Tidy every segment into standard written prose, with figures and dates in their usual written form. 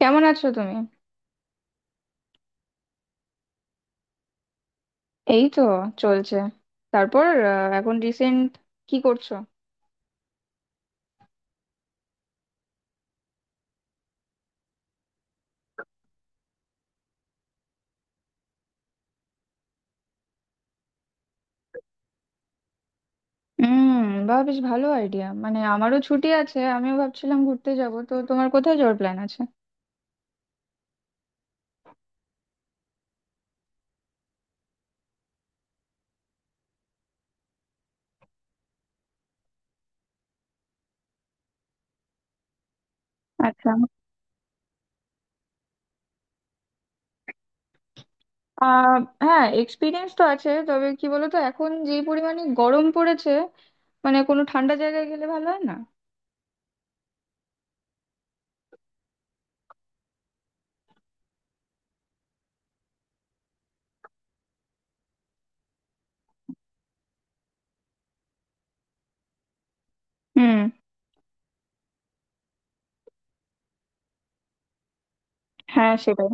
কেমন আছো তুমি? এই তো চলছে। তারপর এখন রিসেন্ট কি করছো? হুম। বা, বেশ ভালো আইডিয়া। মানে আমারও ছুটি আছে, আমিও ভাবছিলাম ঘুরতে যাব। তো তোমার কোথায় যাওয়ার প্ল্যান আছে? আচ্ছা। আহ হ্যাঁ, এক্সপিরিয়েন্স তো আছে। তবে কি বলতো, এখন যে পরিমাণে গরম পড়েছে, মানে কোনো ঠান্ডা জায়গায় গেলে ভালো হয় না? হুম। হ্যাঁ, সেটাই।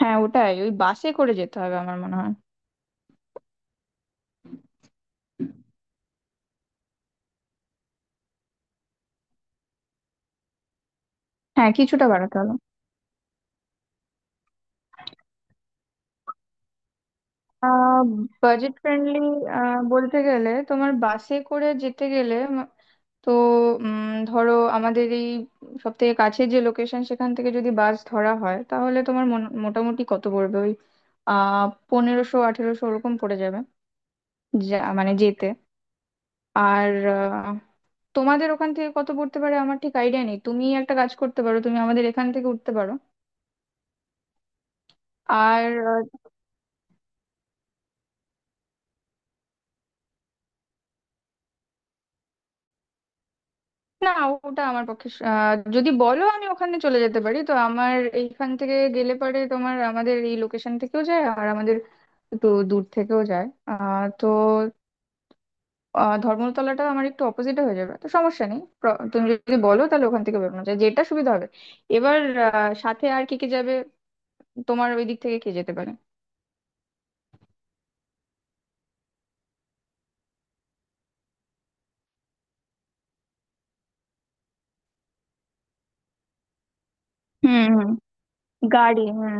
হ্যাঁ, ওটাই, ওই বাসে করে যেতে হবে আমার মনে হয়। হ্যাঁ, কিছুটা বাড়াতে হবে। আহ বাজেট ফ্রেন্ডলি বলতে গেলে, তোমার বাসে করে যেতে গেলে তো উম, ধরো, আমাদের এই সব থেকে কাছের যে লোকেশন সেখান থেকে যদি বাস ধরা হয় তাহলে তোমার মোটামুটি কত পড়বে ওই 1500 1800 ওরকম পড়ে যাবে, যা মানে যেতে। আর আহ, তোমাদের ওখান থেকে কত পড়তে পারে আমার ঠিক আইডিয়া নেই। তুমি একটা কাজ করতে পারো, তুমি আমাদের এখান থেকে উঠতে পারো। আর না, ওটা আমার পক্ষে যদি বলো আমি ওখানে চলে যেতে পারি, তো আমার এইখান থেকে গেলে পারে তোমার, আমাদের এই লোকেশন থেকেও যায়, আর আমাদের একটু দূর থেকেও যায়। তো ধর্মতলাটা আমার একটু অপোজিটে হয়ে যাবে, তো সমস্যা নেই। তুমি যদি বলো তাহলে ওখান থেকে বেরোনো যায়, যেটা সুবিধা হবে। এবার সাথে আর কে কে যাবে? তোমার ওই দিক থেকে কে যেতে পারে? হুম হুম। গাড়ি। হুম।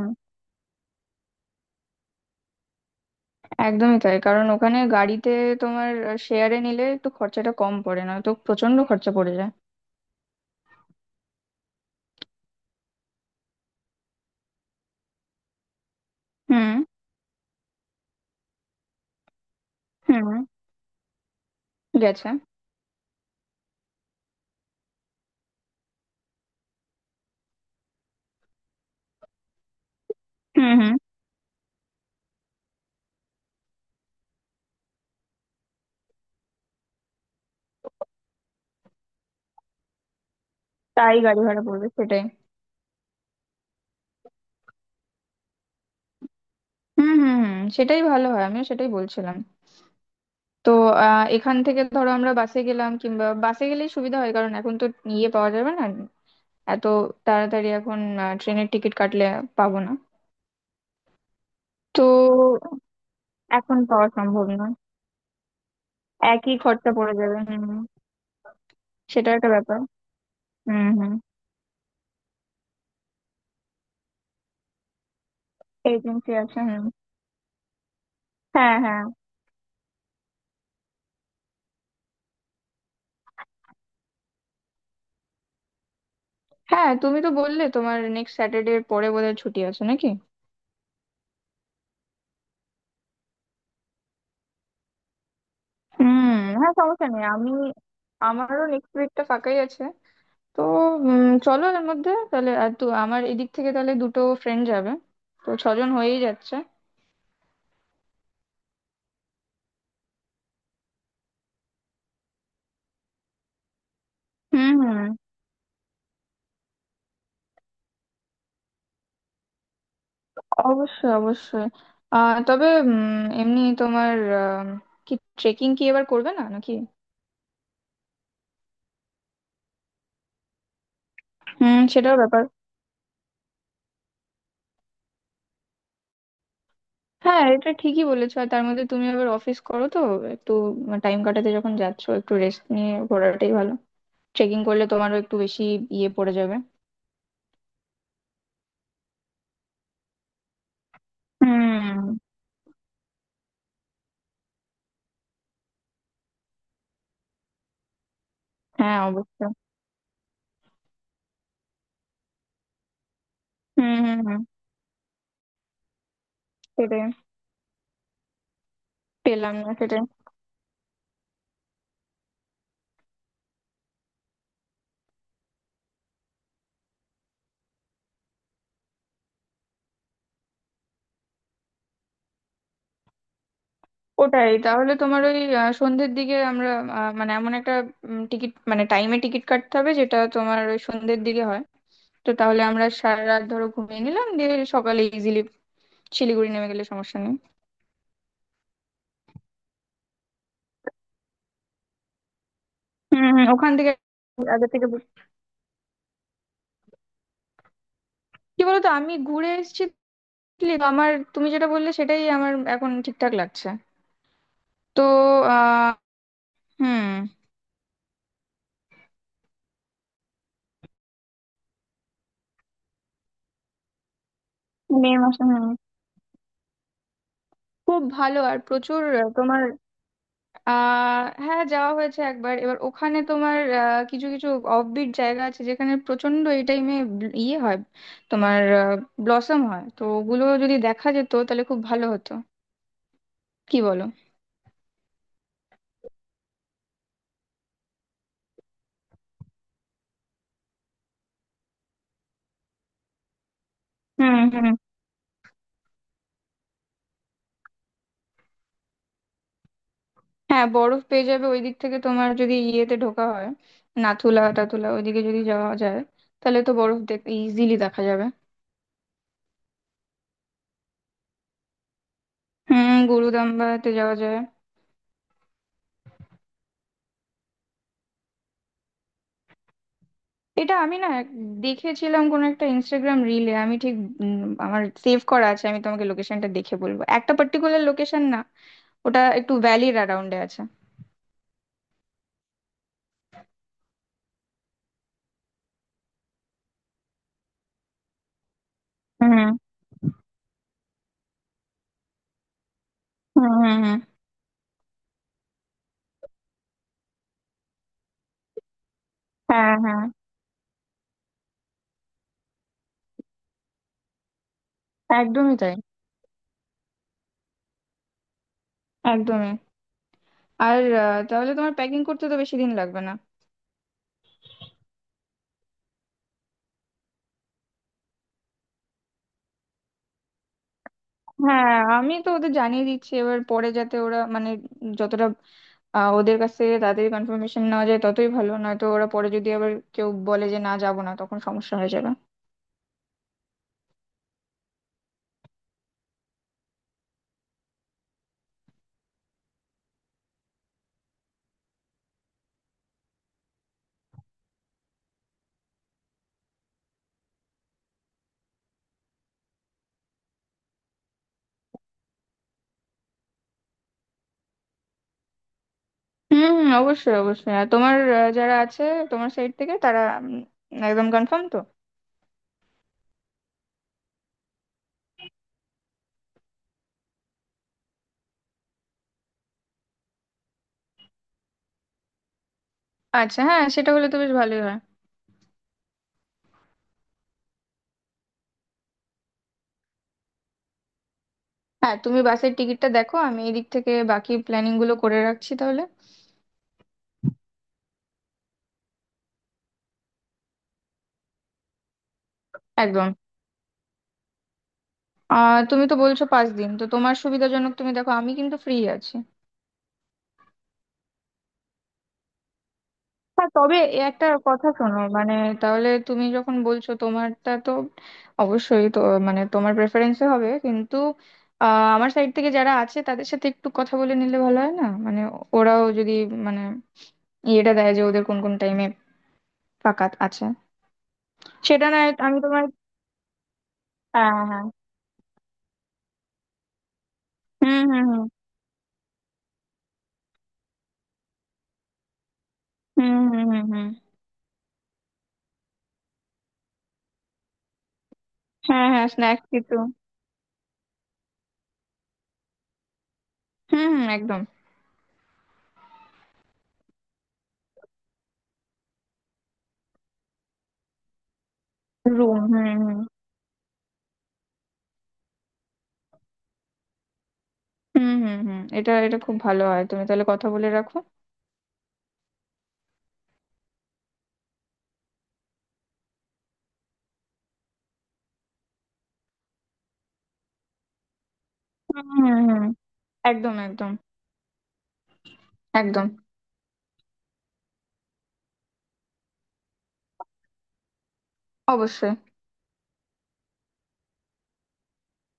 একদমই তাই। কারণ ওখানে গাড়িতে, তোমার, শেয়ারে নিলে একটু খরচাটা কম পড়ে, না তো প্রচন্ড খরচা পড়ে যায়। হুম হুম। গেছে। হুম হুম। তাই গাড়ি ভাড়া পড়বে, সেটাই। হুম হুম হুম। সেটাই ভালো হয়, আমিও সেটাই বলছিলাম। তো এখান থেকে ধরো আমরা বাসে গেলাম, কিংবা বাসে গেলেই সুবিধা হয়, কারণ এখন তো ইয়ে পাওয়া যাবে না এত তাড়াতাড়ি। এখন ট্রেনের টিকিট কাটলে পাবো না। তো এখন পাওয়া সম্ভব নয়, একই খরচা পড়ে যাবে। হুম। সেটা একটা ব্যাপার। হুম হুম। এজেন্সি আছে। হুম। হ্যাঁ হ্যাঁ। হ্যাঁ, তুমি তো বললে তোমার নেক্সট স্যাটারডে এর পরে বোধহয় ছুটি আছে নাকি? হুম। হ্যাঁ, সমস্যা নেই, আমি, আমারও নেক্সট উইকটা ফাঁকাই আছে। তো চলো এর মধ্যে তাহলে। আর তো আমার এদিক থেকে তাহলে দুটো ফ্রেন্ড যাবে, তো ছজন হয়েই যাচ্ছে। হুম হুম। অবশ্যই অবশ্যই। তবে এমনি তোমার আম, কি, ট্রেকিং কি এবার করবে না নাকি? হুম, সেটাও ব্যাপার। হ্যাঁ, এটা ঠিকই বলেছো। আর তার মধ্যে তুমি আবার অফিস করো, তো একটু টাইম কাটাতে যখন যাচ্ছো একটু রেস্ট নিয়ে ঘোরাটাই ভালো। ট্রেকিং করলে তোমারও একটু বেশি ইয়ে পড়ে যাবে। হুম। হ্যাঁ অবশ্যই। হুম হুম হুম, সেটাই। পেলাম না, সেটাই। ওটাই তাহলে, তোমার ওই সন্ধ্যের দিকে আমরা মানে এমন একটা টিকিট, মানে টাইমে টিকিট কাটতে হবে যেটা তোমার ওই সন্ধ্যের দিকে হয়। তো তাহলে আমরা সারা রাত ধরো ঘুমিয়ে নিলাম, দিয়ে সকালে ইজিলি শিলিগুড়ি নেমে গেলে সমস্যা নেই। হুম হুম। ওখান থেকে আগে থেকে কি বলতো, আমি ঘুরে এসেছি। তো আমার, তুমি যেটা বললে সেটাই আমার এখন ঠিকঠাক লাগছে। তো আহ হুম। মে মাসে। হুম। খুব ভালো, আর প্রচুর তোমার হ্যাঁ, যাওয়া হয়েছে একবার। এবার ওখানে তোমার কিছু কিছু অফবিট জায়গা আছে যেখানে প্রচন্ড এই টাইমে ইয়ে হয়, তোমার, ব্লসম হয়, তো ওগুলো যদি দেখা যেত তাহলে খুব ভালো হতো। কি বলো? হুম হুম। হ্যাঁ, বরফ পেয়ে যাবে ওই দিক থেকে, তোমার যদি ইয়েতে ঢোকা হয়, নাথুলা টাথুলা ওইদিকে যদি যাওয়া যায় তাহলে তো বরফ দেখ ইজিলি দেখা যাবে। হুম, গুরুদাম্বাতে যাওয়া যায়। এটা আমি না, দেখেছিলাম কোন একটা ইনস্টাগ্রাম রিলে, আমি ঠিক উম, আমার সেভ করা আছে। আমি তোমাকে লোকেশনটা দেখে বলবো, একটা পার্টিকুলার লোকেশন না, ওটা একটু ভ্যালির অ্যারাউন্ডে আছে। হুম হুম হুম হুম। হ্যাঁ হ্যাঁ। একদমই তাই, একদমই। আর তাহলে তোমার প্যাকিং করতে তো বেশি দিন লাগবে না। হ্যাঁ, আমি তো ওদের জানিয়ে দিচ্ছি। এবার পরে যাতে ওরা মানে, যতটা ওদের কাছ থেকে তাড়াতাড়ি কনফার্মেশন নেওয়া যায় ততই ভালো, নয়তো ওরা পরে যদি আবার কেউ বলে যে না যাবো না, তখন সমস্যা হয়ে যাবে। হুম হুম। অবশ্যই অবশ্যই। আর তোমার যারা আছে তোমার সাইড থেকে, তারা একদম কনফার্ম তো? আচ্ছা। হ্যাঁ, সেটা হলে তো বেশ ভালোই হয়। হ্যাঁ, তুমি বাসের টিকিটটা দেখো, আমি এদিক থেকে বাকি প্ল্যানিং গুলো করে রাখছি তাহলে। একদম। তুমি তো বলছো 5 দিন, তো তোমার সুবিধাজনক তুমি দেখো, আমি কিন্তু ফ্রি আছি। হ্যাঁ, তবে এ একটা কথা শোনো, মানে তাহলে তুমি যখন বলছো, তোমারটা তো অবশ্যই তো, মানে তোমার প্রেফারেন্সে হবে। কিন্তু আমার সাইড থেকে যারা আছে তাদের সাথে একটু কথা বলে নিলে ভালো হয় না, মানে ওরাও যদি মানে ইয়েটা দেয় যে ওদের কোন কোন টাইমে ফাঁকা আছে। সেটা না, আমি তোমার। হ্যাঁ হ্যাঁ। হুম হুম হুম হুম হুম। হুম হুম। হ্যাঁ হ্যাঁ। স্ন্যাক্স কিছু। হুম হুম। একদম। রুম। হুম হুম হুম হুম হুম। এটা এটা খুব ভালো হয়, তুমি তাহলে কথা বলে রাখো। হুম হুম হুম। একদম একদম একদম। অবশ্যই।